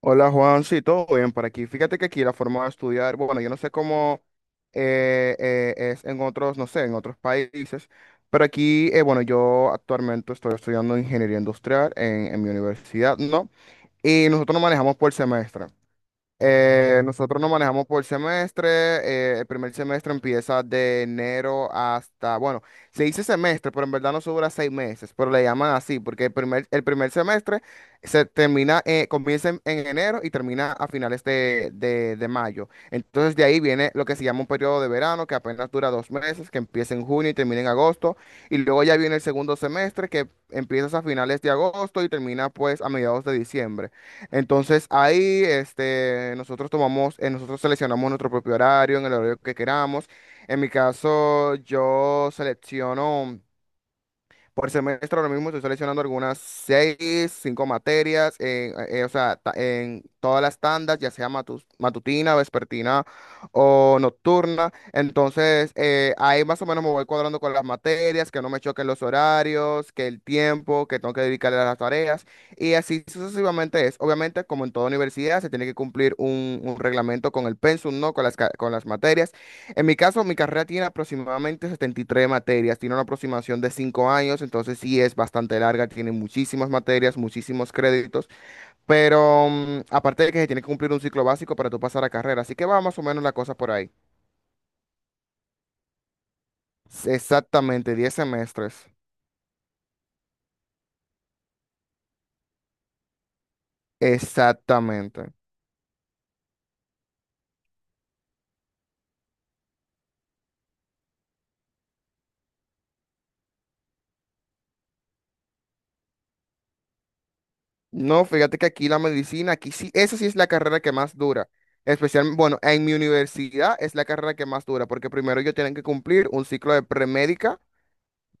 Hola Juan, sí, todo bien por aquí. Fíjate que aquí la forma de estudiar, bueno, yo no sé cómo es en otros, no sé, en otros países, pero aquí, bueno, yo actualmente estoy estudiando ingeniería industrial en mi universidad, ¿no? Y nosotros nos manejamos por semestre. Nosotros nos manejamos por semestre. El primer semestre empieza de enero hasta, bueno, se dice semestre, pero en verdad no se dura 6 meses, pero le llaman así, porque el primer semestre comienza en enero y termina a finales de mayo. Entonces de ahí viene lo que se llama un periodo de verano, que apenas dura 2 meses, que empieza en junio y termina en agosto. Y luego ya viene el segundo semestre, que empieza a finales de agosto y termina pues a mediados de diciembre. Entonces ahí este, nosotros seleccionamos nuestro propio horario, en el horario que queramos. En mi caso, yo selecciono. Por semestre ahora mismo estoy seleccionando algunas seis, cinco materias, en, o sea, en todas las tandas, ya sea matutina, vespertina o nocturna. Entonces, ahí más o menos me voy cuadrando con las materias, que no me choquen los horarios, que el tiempo que tengo que dedicarle a las tareas. Y así sucesivamente es. Obviamente, como en toda universidad, se tiene que cumplir un reglamento con el pensum, ¿no? Con con las materias. En mi caso, mi carrera tiene aproximadamente 73 materias, tiene una aproximación de 5 años, entonces sí es bastante larga, tiene muchísimas materias, muchísimos créditos, pero aparte de que se tiene que cumplir un ciclo básico para tú pasar a carrera, así que va más o menos la cosa por ahí. Exactamente, 10 semestres. Exactamente. No, fíjate que aquí la medicina, aquí sí, esa sí es la carrera que más dura. Especialmente, bueno, en mi universidad es la carrera que más dura, porque primero yo tienen que cumplir un ciclo de premédica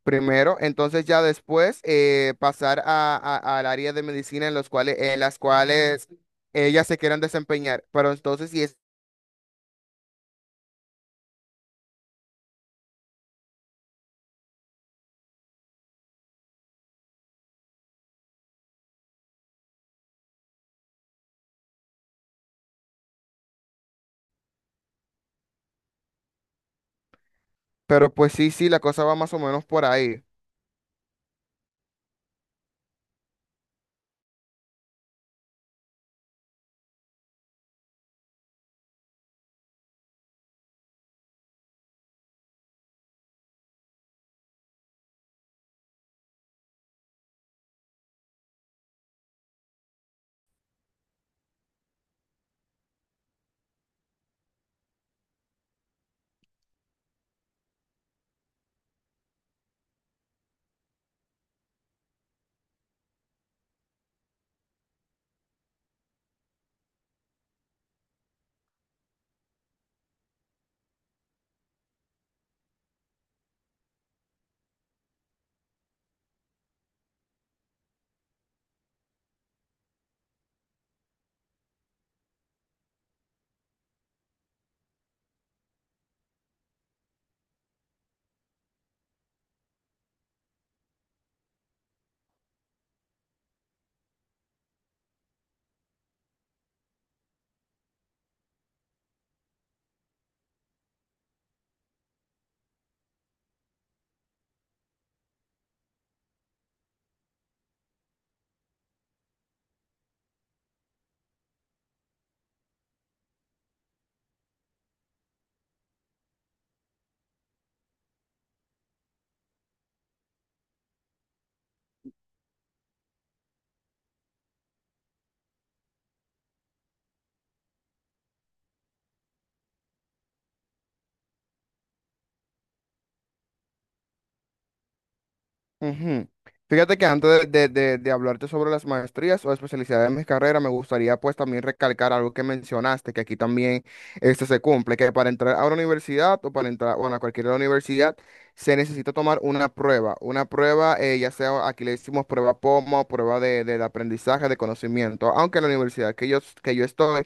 primero, entonces ya después pasar al área de medicina en los cuales, en las cuales ellas se quieran desempeñar. Pero entonces sí es, pero pues sí, sí, la cosa va más o menos por ahí. Ujú. Fíjate que antes de hablarte sobre las maestrías o especialidades de mis carreras, me gustaría pues también recalcar algo que mencionaste, que aquí también este se cumple, que para entrar a una universidad o para entrar, bueno, a cualquier universidad, se necesita tomar una prueba, ya sea aquí le decimos prueba POMO, prueba de, del aprendizaje, de conocimiento, aunque en la universidad que yo estoy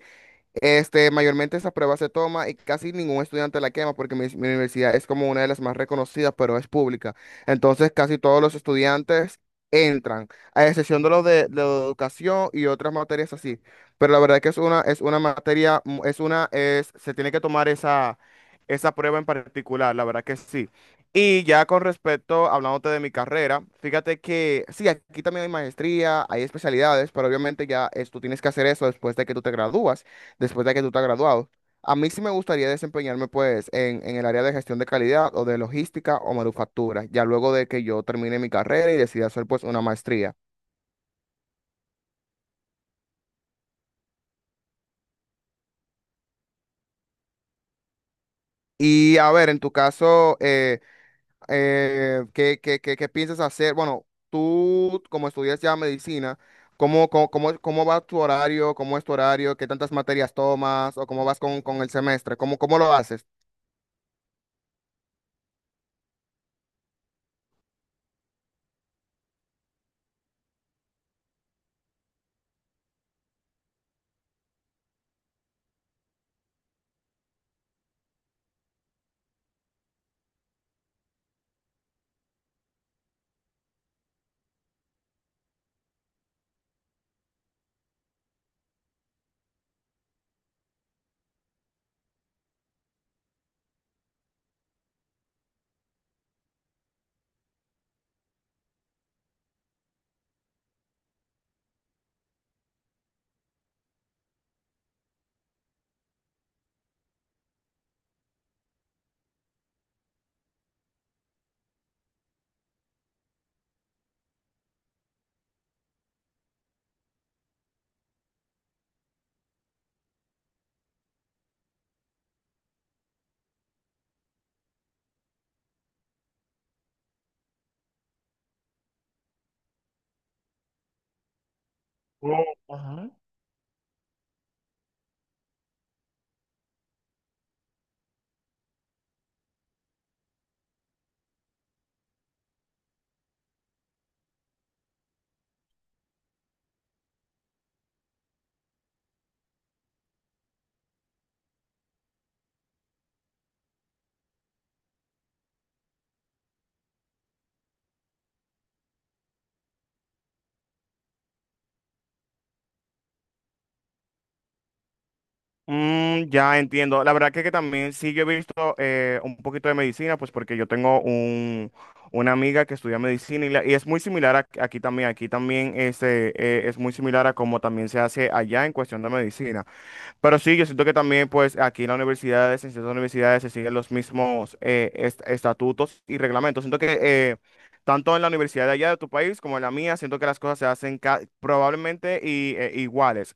este, mayormente esa prueba se toma y casi ningún estudiante la quema porque mi universidad es como una de las más reconocidas, pero es pública. Entonces, casi todos los estudiantes entran, a excepción de los de educación y otras materias así. Pero la verdad es que es una materia, se tiene que tomar esa prueba en particular, la verdad que sí. Y ya con respecto, hablándote de mi carrera, fíjate que sí, aquí también hay maestría, hay especialidades, pero obviamente ya tú tienes que hacer eso después de que tú te gradúas después de que tú estás graduado. A mí sí me gustaría desempeñarme pues en el área de gestión de calidad o de logística o manufactura, ya luego de que yo termine mi carrera y decida hacer pues una maestría. Y a ver, en tu caso, ¿qué piensas hacer? Bueno, tú como estudias ya medicina, ¿cómo va tu horario? ¿Cómo es tu horario? ¿Qué tantas materias tomas? ¿O cómo vas con el semestre? ¿Cómo lo haces? Mm, ya entiendo. La verdad que también sí yo he visto un poquito de medicina, pues porque yo tengo una amiga que estudia medicina y, y es muy similar aquí también. Aquí también este, es muy similar a como también se hace allá en cuestión de medicina. Pero sí, yo siento que también pues aquí en la universidad, en ciertas universidades se siguen los mismos estatutos y reglamentos. Siento que tanto en la universidad de allá de tu país como en la mía, siento que las cosas se hacen probablemente y, iguales.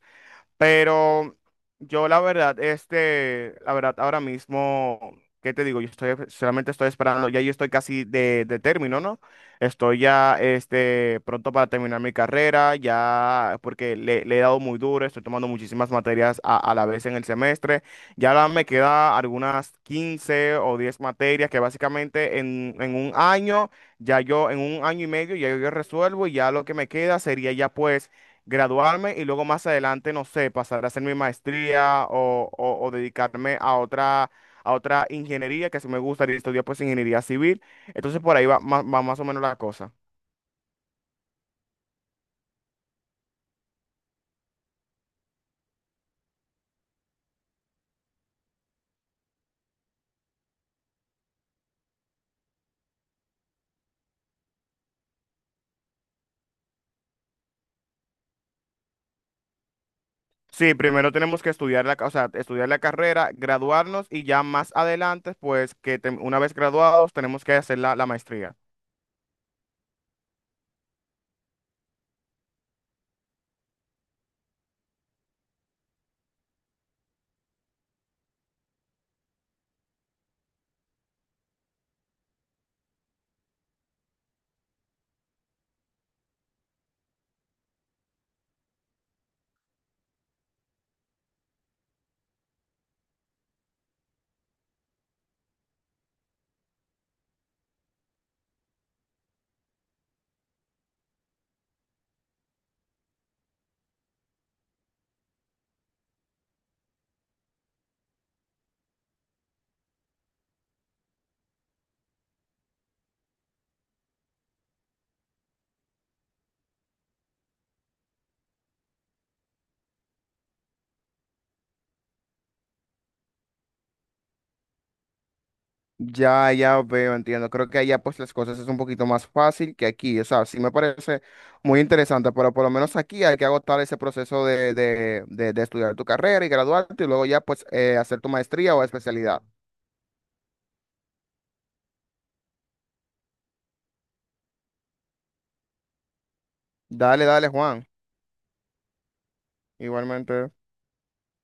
Pero yo la verdad, este, la verdad, ahora mismo, ¿qué te digo? Yo estoy, solamente estoy esperando, ya yo estoy casi de término, ¿no? Estoy ya, este, pronto para terminar mi carrera, ya, porque le he dado muy duro, estoy tomando muchísimas materias a la vez en el semestre. Ya ahora me queda algunas 15 o 10 materias que básicamente en un año, ya yo, en un año y medio, ya yo resuelvo y ya lo que me queda sería ya pues graduarme y luego más adelante, no sé, pasar a hacer mi maestría o, o dedicarme a otra, ingeniería que sí me gustaría estudiar, pues ingeniería civil. Entonces por ahí va, va más o menos la cosa. Sí, primero tenemos que estudiar o sea, estudiar la carrera, graduarnos y ya más adelante, pues una vez graduados tenemos que hacer la maestría. Ya, ya veo, entiendo. Creo que allá pues las cosas es un poquito más fácil que aquí. O sea, sí me parece muy interesante, pero por lo menos aquí hay que agotar ese proceso de estudiar tu carrera y graduarte y luego ya pues hacer tu maestría o especialidad. Dale, dale, Juan. Igualmente.